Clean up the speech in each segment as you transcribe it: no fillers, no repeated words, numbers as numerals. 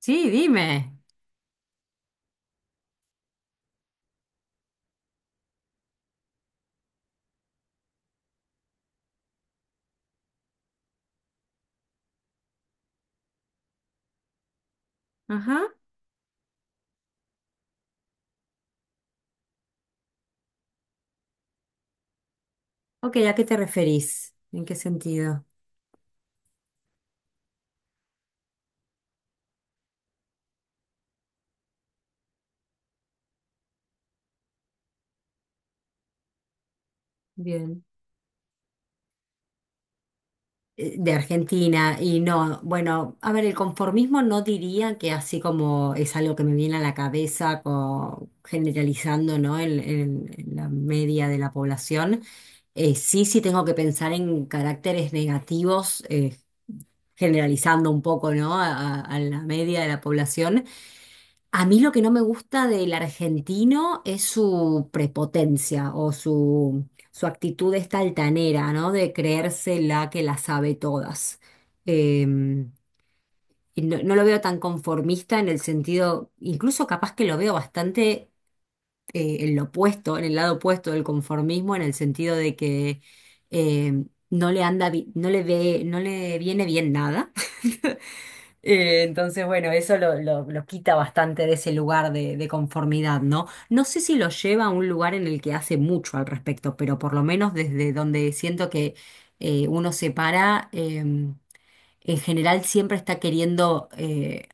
Sí, dime. Ajá. Ok, ¿a qué te referís? ¿En qué sentido? Bien. De Argentina y no, bueno, a ver, el conformismo no diría que así como es algo que me viene a la cabeza generalizando, ¿no? En la media de la población. Sí, tengo que pensar en caracteres negativos, generalizando un poco, ¿no? A la media de la población. A mí lo que no me gusta del argentino es su prepotencia o su actitud esta altanera, ¿no? De creerse la que la sabe todas. Em, y no, no lo veo tan conformista en el sentido, incluso capaz que lo veo bastante en lo opuesto, en el lado opuesto del conformismo, en el sentido de que no le anda, no le ve, no le viene bien nada. Entonces, bueno, eso lo quita bastante de ese lugar de conformidad, ¿no? No sé si lo lleva a un lugar en el que hace mucho al respecto, pero por lo menos desde donde siento que uno se para, en general siempre está queriendo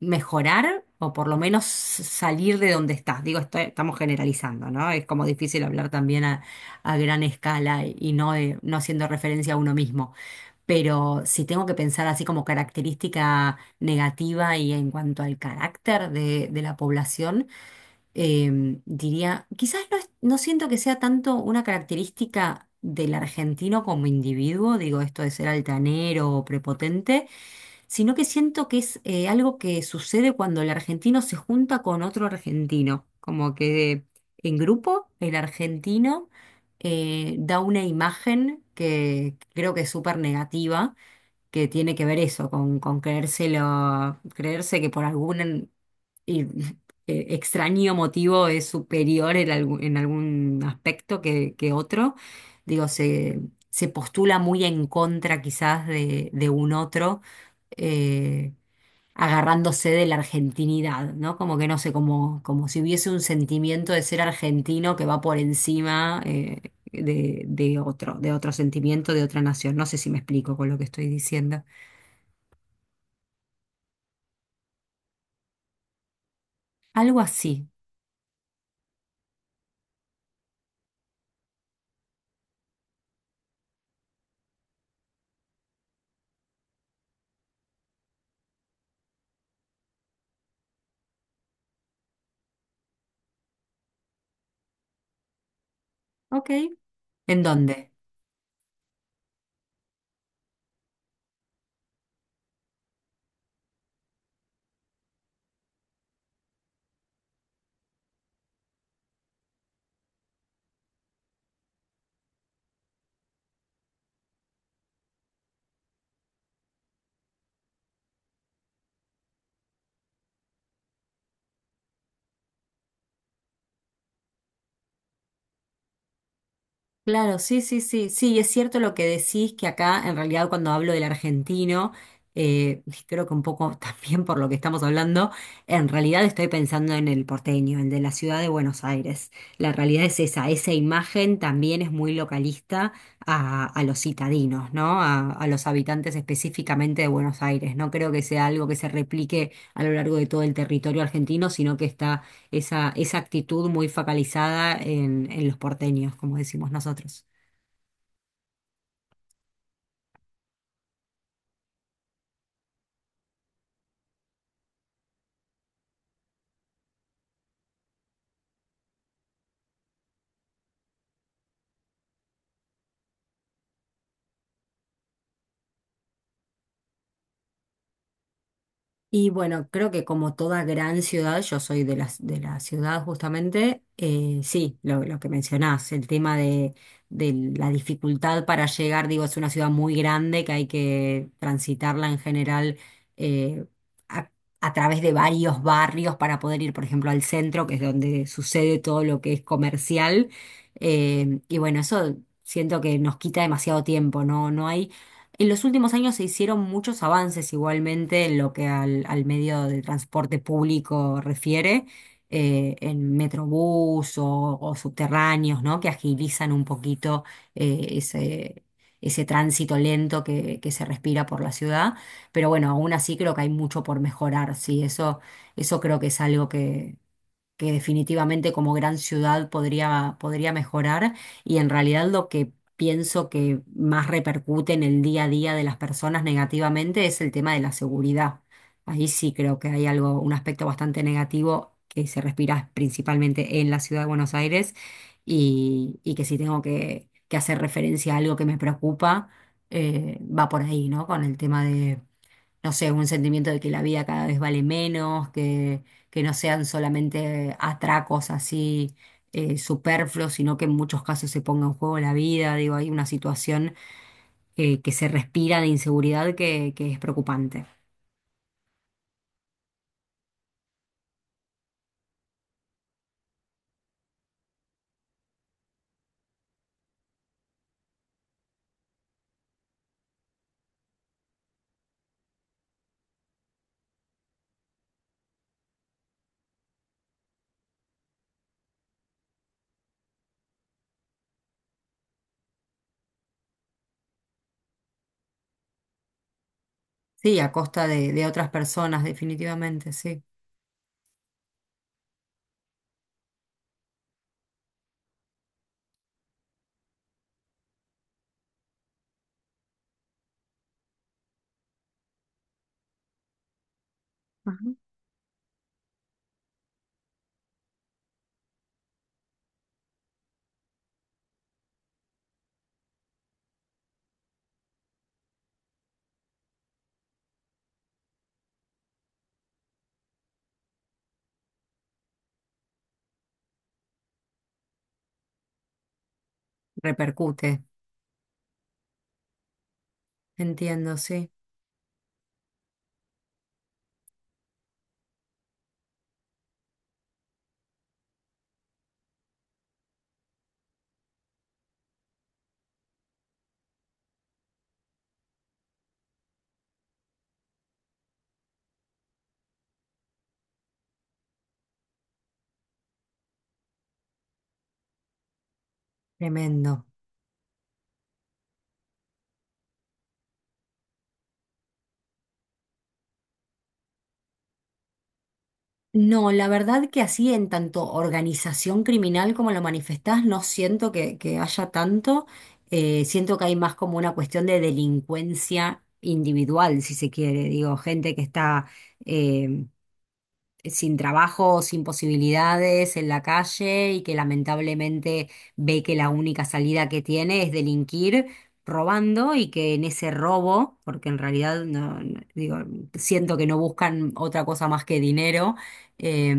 mejorar o por lo menos salir de donde está. Digo, estamos generalizando, ¿no? Es como difícil hablar también a gran escala y no, no haciendo referencia a uno mismo. Pero si tengo que pensar así como característica negativa y en cuanto al carácter de la población, diría, quizás no, no siento que sea tanto una característica del argentino como individuo, digo esto de ser altanero o prepotente, sino que siento que es algo que sucede cuando el argentino se junta con otro argentino, como que en grupo el argentino da una imagen que creo que es súper negativa, que tiene que ver eso, con creérselo, creerse que por algún y- extraño motivo es superior en algún aspecto que otro. Digo, se postula muy en contra quizás de un otro, eh, agarrándose de la argentinidad, ¿no? Como que no sé, como, como si hubiese un sentimiento de ser argentino que va por encima, de otro sentimiento, de otra nación. No sé si me explico con lo que estoy diciendo. Algo así, ¿ok? ¿En dónde? Claro, sí, sí, sí, sí, es cierto lo que decís, que acá en realidad cuando hablo del argentino, y creo que un poco también por lo que estamos hablando, en realidad estoy pensando en el porteño, el de la ciudad de Buenos Aires. La realidad es esa, esa imagen también es muy localista a los citadinos, ¿no? A los habitantes específicamente de Buenos Aires. No creo que sea algo que se replique a lo largo de todo el territorio argentino, sino que está esa, esa actitud muy focalizada en los porteños, como decimos nosotros. Y bueno, creo que como toda gran ciudad, yo soy de la ciudad justamente, sí, lo que mencionás, el tema de la dificultad para llegar, digo, es una ciudad muy grande que hay que transitarla en general eh, a, a través de varios barrios para poder ir, por ejemplo, al centro, que es donde sucede todo lo que es comercial. Y bueno, eso siento que nos quita demasiado tiempo, ¿no? No hay, en los últimos años se hicieron muchos avances igualmente en lo que al, al medio de transporte público refiere, en metrobús o subterráneos, ¿no? Que agilizan un poquito ese, ese tránsito lento que se respira por la ciudad. Pero bueno, aún así creo que hay mucho por mejorar, sí, eso creo que es algo que definitivamente como gran ciudad podría, podría mejorar, y en realidad lo que pienso que más repercute en el día a día de las personas negativamente es el tema de la seguridad. Ahí sí creo que hay algo, un aspecto bastante negativo que se respira principalmente en la ciudad de Buenos Aires y que si tengo que hacer referencia a algo que me preocupa, va por ahí, ¿no? Con el tema de no sé, un sentimiento de que la vida cada vez vale menos, que no sean solamente atracos así superfluos, sino que en muchos casos se ponga en juego la vida. Digo, hay una situación que se respira de inseguridad que es preocupante. Sí, a costa de otras personas, definitivamente, sí. Ajá. Repercute. Entiendo, sí. Tremendo. No, la verdad que así en tanto organización criminal como lo manifestás, no siento que haya tanto. Siento que hay más como una cuestión de delincuencia individual, si se quiere. Digo, gente que está eh, sin trabajo, sin posibilidades en la calle y que lamentablemente ve que la única salida que tiene es delinquir robando y que en ese robo, porque en realidad digo, siento que no buscan otra cosa más que dinero, eh,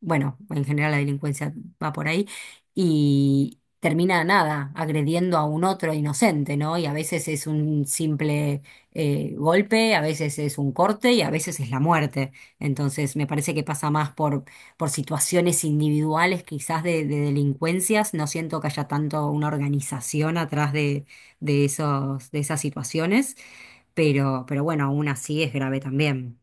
bueno, en general la delincuencia va por ahí y termina nada, agrediendo a un otro inocente, ¿no? Y a veces es un simple golpe, a veces es un corte y a veces es la muerte. Entonces, me parece que pasa más por situaciones individuales, quizás de delincuencias. No siento que haya tanto una organización atrás de esos, de esas situaciones, pero bueno, aún así es grave también.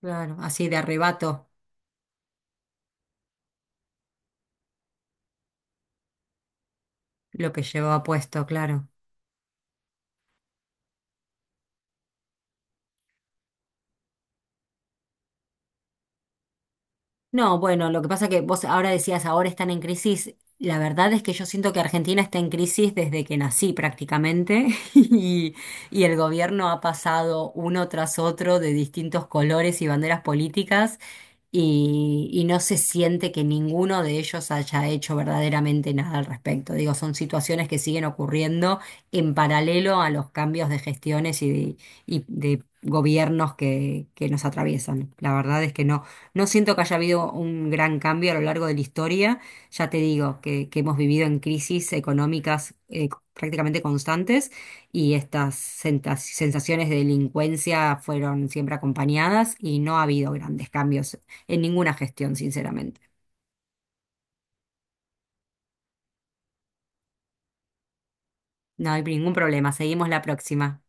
Claro, así de arrebato lo que llevaba puesto, claro. No, bueno, lo que pasa que vos ahora decías, ahora están en crisis. La verdad es que yo siento que Argentina está en crisis desde que nací prácticamente y, y el gobierno ha pasado uno tras otro de distintos colores y banderas políticas y no se siente que ninguno de ellos haya hecho verdaderamente nada al respecto. Digo, son situaciones que siguen ocurriendo en paralelo a los cambios de gestiones y de gobiernos que nos atraviesan. La verdad es que no. No siento que haya habido un gran cambio a lo largo de la historia. Ya te digo que hemos vivido en crisis económicas prácticamente constantes y estas sensaciones de delincuencia fueron siempre acompañadas y no ha habido grandes cambios en ninguna gestión, sinceramente. No hay ningún problema. Seguimos la próxima.